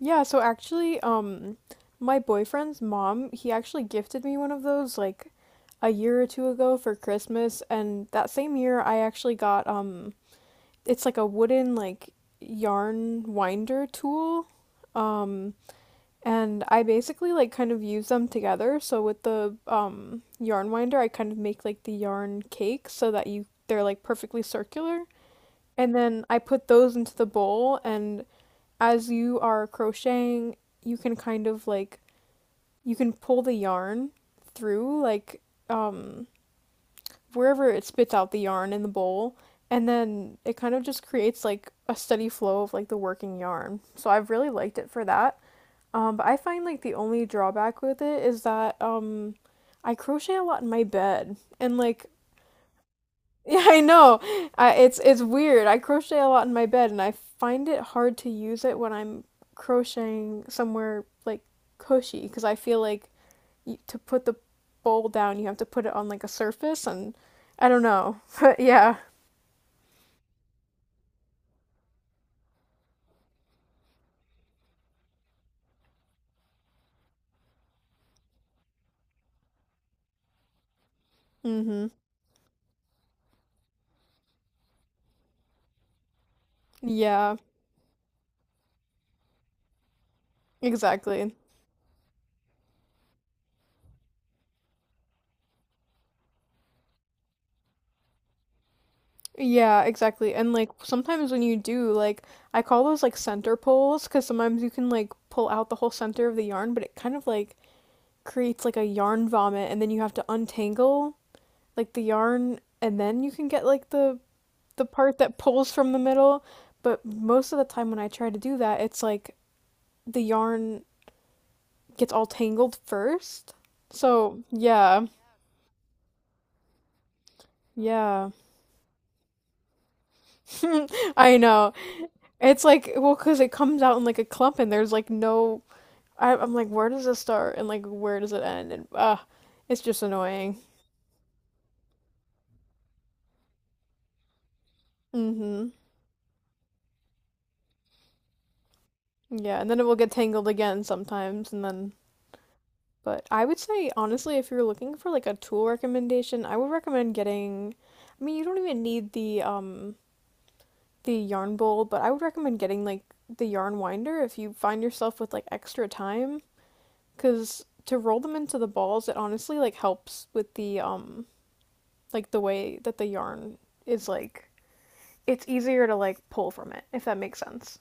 Yeah, so actually, my boyfriend's mom, he actually gifted me one of those like a year or two ago for Christmas, and that same year I actually got it's like a wooden like yarn winder tool. Um, and I basically like kind of use them together. So with the yarn winder, I kind of make like the yarn cake so that you they're like perfectly circular. And then I put those into the bowl, and as you are crocheting, you can kind of like you can pull the yarn through like um wherever it spits out the yarn in the bowl, and then it kind of just creates like a steady flow of like the working yarn. So I've really liked it for that. But I find like the only drawback with it is that I crochet a lot in my bed, and like Yeah, I know. I, it's weird. I crochet a lot in my bed, and I find it hard to use it when I'm crocheting somewhere like cushy, because I feel like y to put the bowl down, you have to put it on like a surface, and I don't know. But yeah. Mm-hmm. Yeah, exactly. Yeah, exactly. And like sometimes when you do, like I call those like center pulls because sometimes you can like pull out the whole center of the yarn, but it kind of like creates like a yarn vomit, and then you have to untangle like the yarn and then you can get like the part that pulls from the middle, but most of the time when I try to do that, it's like the yarn gets all tangled first. So, yeah. Yeah. I know. It's like, well, cuz it comes out in like a clump and there's like no I'm like where does it start and like where does it end, and it's just annoying. Mhm. Yeah, and then it will get tangled again sometimes, and then but I would say, honestly, if you're looking for like a tool recommendation, I would recommend getting, I mean, you don't even need the yarn bowl, but I would recommend getting like the yarn winder if you find yourself with like extra time, because to roll them into the balls, it honestly like helps with the like the way that the yarn is like it's easier to like pull from it, if that makes sense.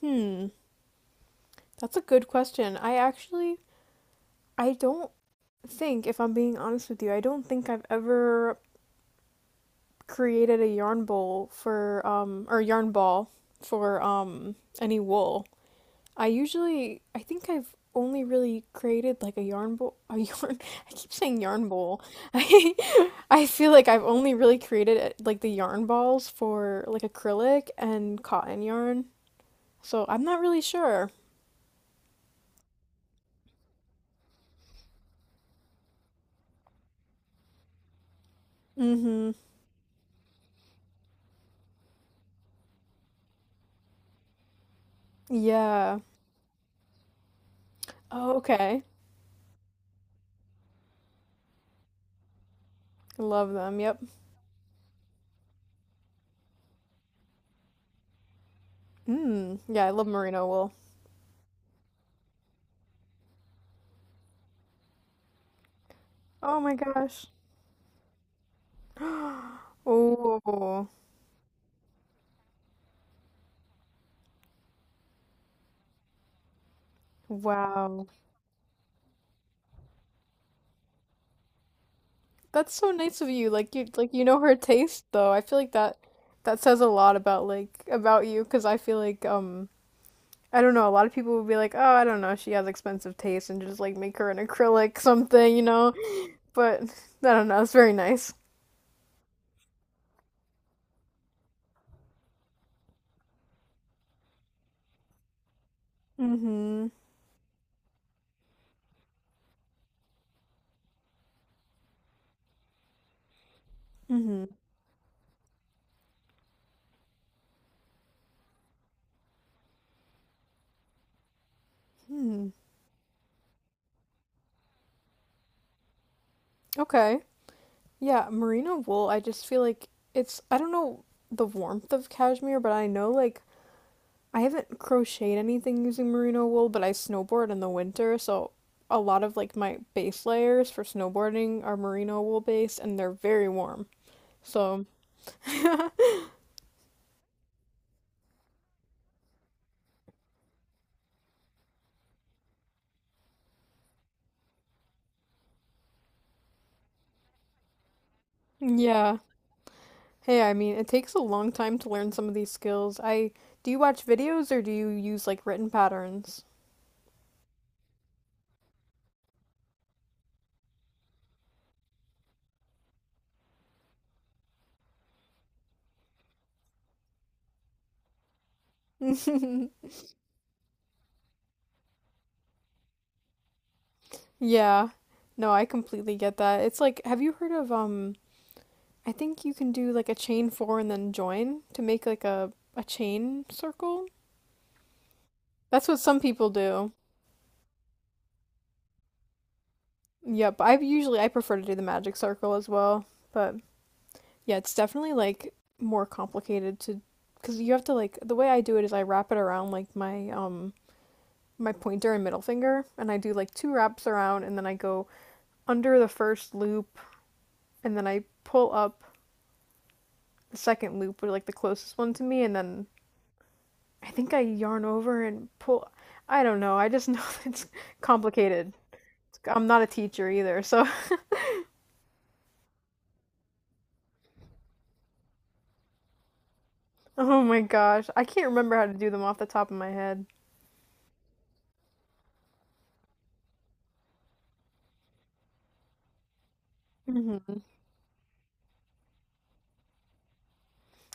Hmm, that's a good question. I actually I don't think, if I'm being honest with you, I don't think I've ever created a yarn bowl for or yarn ball for any wool. I usually I think I've only really created like a yarn bowl a yarn I keep saying yarn bowl. I I feel like I've only really created like the yarn balls for like acrylic and cotton yarn. So I'm not really sure. Mm-hmm. Yeah. Oh, okay. I love them. Yep. Mm. Yeah, I love merino wool. Oh my gosh. Oh. Wow. That's so nice of you. Like you like you know her taste though. I feel like that that says a lot about like about you, 'cause I feel like I don't know, a lot of people would be like, "Oh, I don't know, she has expensive taste, and just like make her an acrylic something, you know?" But I don't know, it's very nice. Mm-hmm. Mm-hmm. Hmm. Okay. Yeah, merino wool, I just feel like it's I don't know the warmth of cashmere, but I know like I haven't crocheted anything using merino wool, but I snowboard in the winter, so a lot of like my base layers for snowboarding are merino wool based and they're very warm. So, yeah. Hey, I mean, it takes a long time to learn some of these skills. I Do you watch videos or do you use like written patterns? Yeah. No, I completely get that. It's like, have you heard of I think you can do like a chain four and then join to make like a chain circle? That's what some people do. Yep, I usually I prefer to do the magic circle as well, but yeah, it's definitely like more complicated to because you have to like the way I do it is I wrap it around like my pointer and middle finger, and I do like two wraps around and then I go under the first loop and then I pull up the second loop or like the closest one to me, and then I think I yarn over and pull I don't know. I just know it's complicated. I'm not a teacher either, so oh my gosh, I can't remember how to do them off the top of my head. Hmm.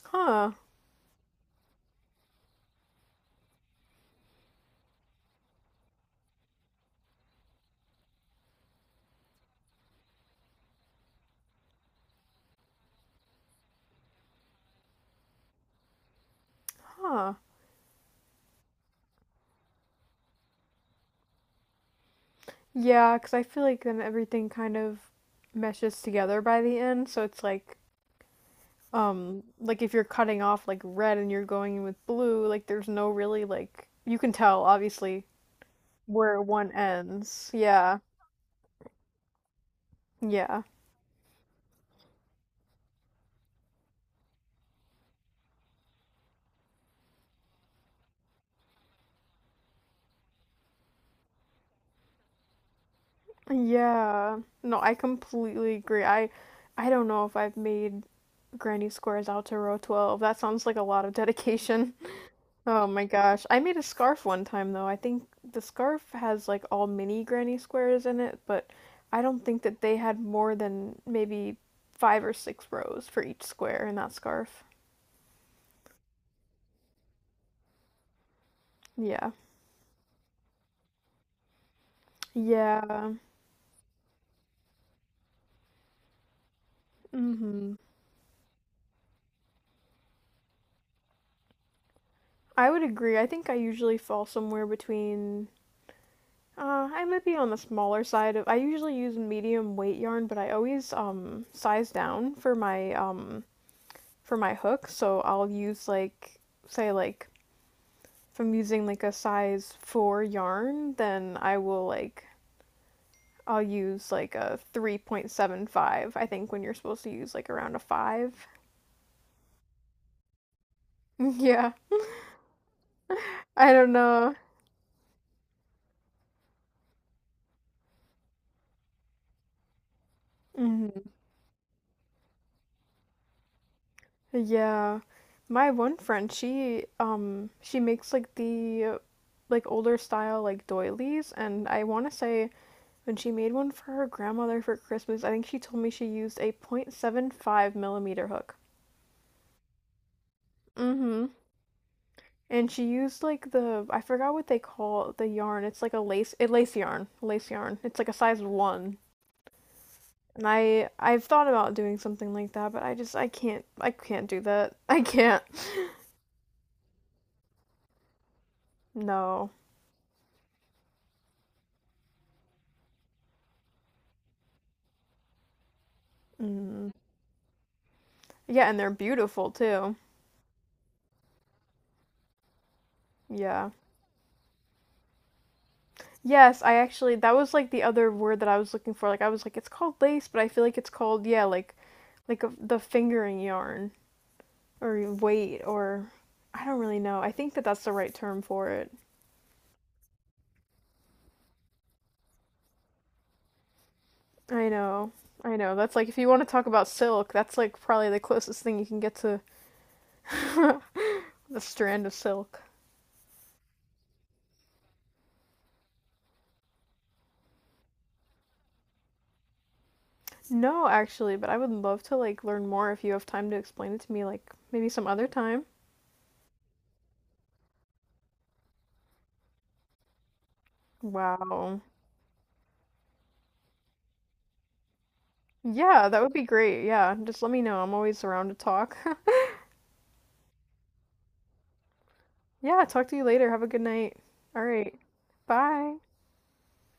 Huh. Huh. Yeah, because I feel like then everything kind of meshes together by the end, so it's like if you're cutting off like red and you're going in with blue, like there's no really like you can tell obviously where one ends. Yeah. Yeah. Yeah. No, I completely agree. I don't know if I've made Granny Squares out to row 12. That sounds like a lot of dedication. Oh my gosh. I made a scarf one time though. I think the scarf has like all mini granny squares in it, but I don't think that they had more than maybe five or six rows for each square in that scarf. Yeah. Yeah. Mm-hmm. I would agree. I think I usually fall somewhere between I might be on the smaller side of I usually use medium weight yarn, but I always size down for my hook, so I'll use like say like if I'm using like a size 4 yarn, then I'll use like a 3.75. I think when you're supposed to use like around a 5. Yeah. I don't know. Hmm. Yeah. My one friend, she makes like the like older style like doilies, and I want to say when she made one for her grandmother for Christmas, I think she told me she used a 0.75 mm hook. Mm-hmm. And she used like the I forgot what they call the yarn. It's like a lace yarn. Lace yarn. It's like a size 1. And I've thought about doing something like that, but I just I can't do that. I can't. No. Mm. Yeah, and they're beautiful too. Yeah. Yes, I actually that was like the other word that I was looking for. Like I was like it's called lace, but I feel like it's called yeah, like a, the fingering yarn or weight or I don't really know. I think that that's the right term for it. I know. I know. That's like if you want to talk about silk, that's like probably the closest thing you can get to the strand of silk. No, actually, but I would love to like learn more if you have time to explain it to me like maybe some other time. Wow. Yeah, that would be great. Yeah, just let me know. I'm always around to talk. Yeah, talk to you later. Have a good night. All right. Bye.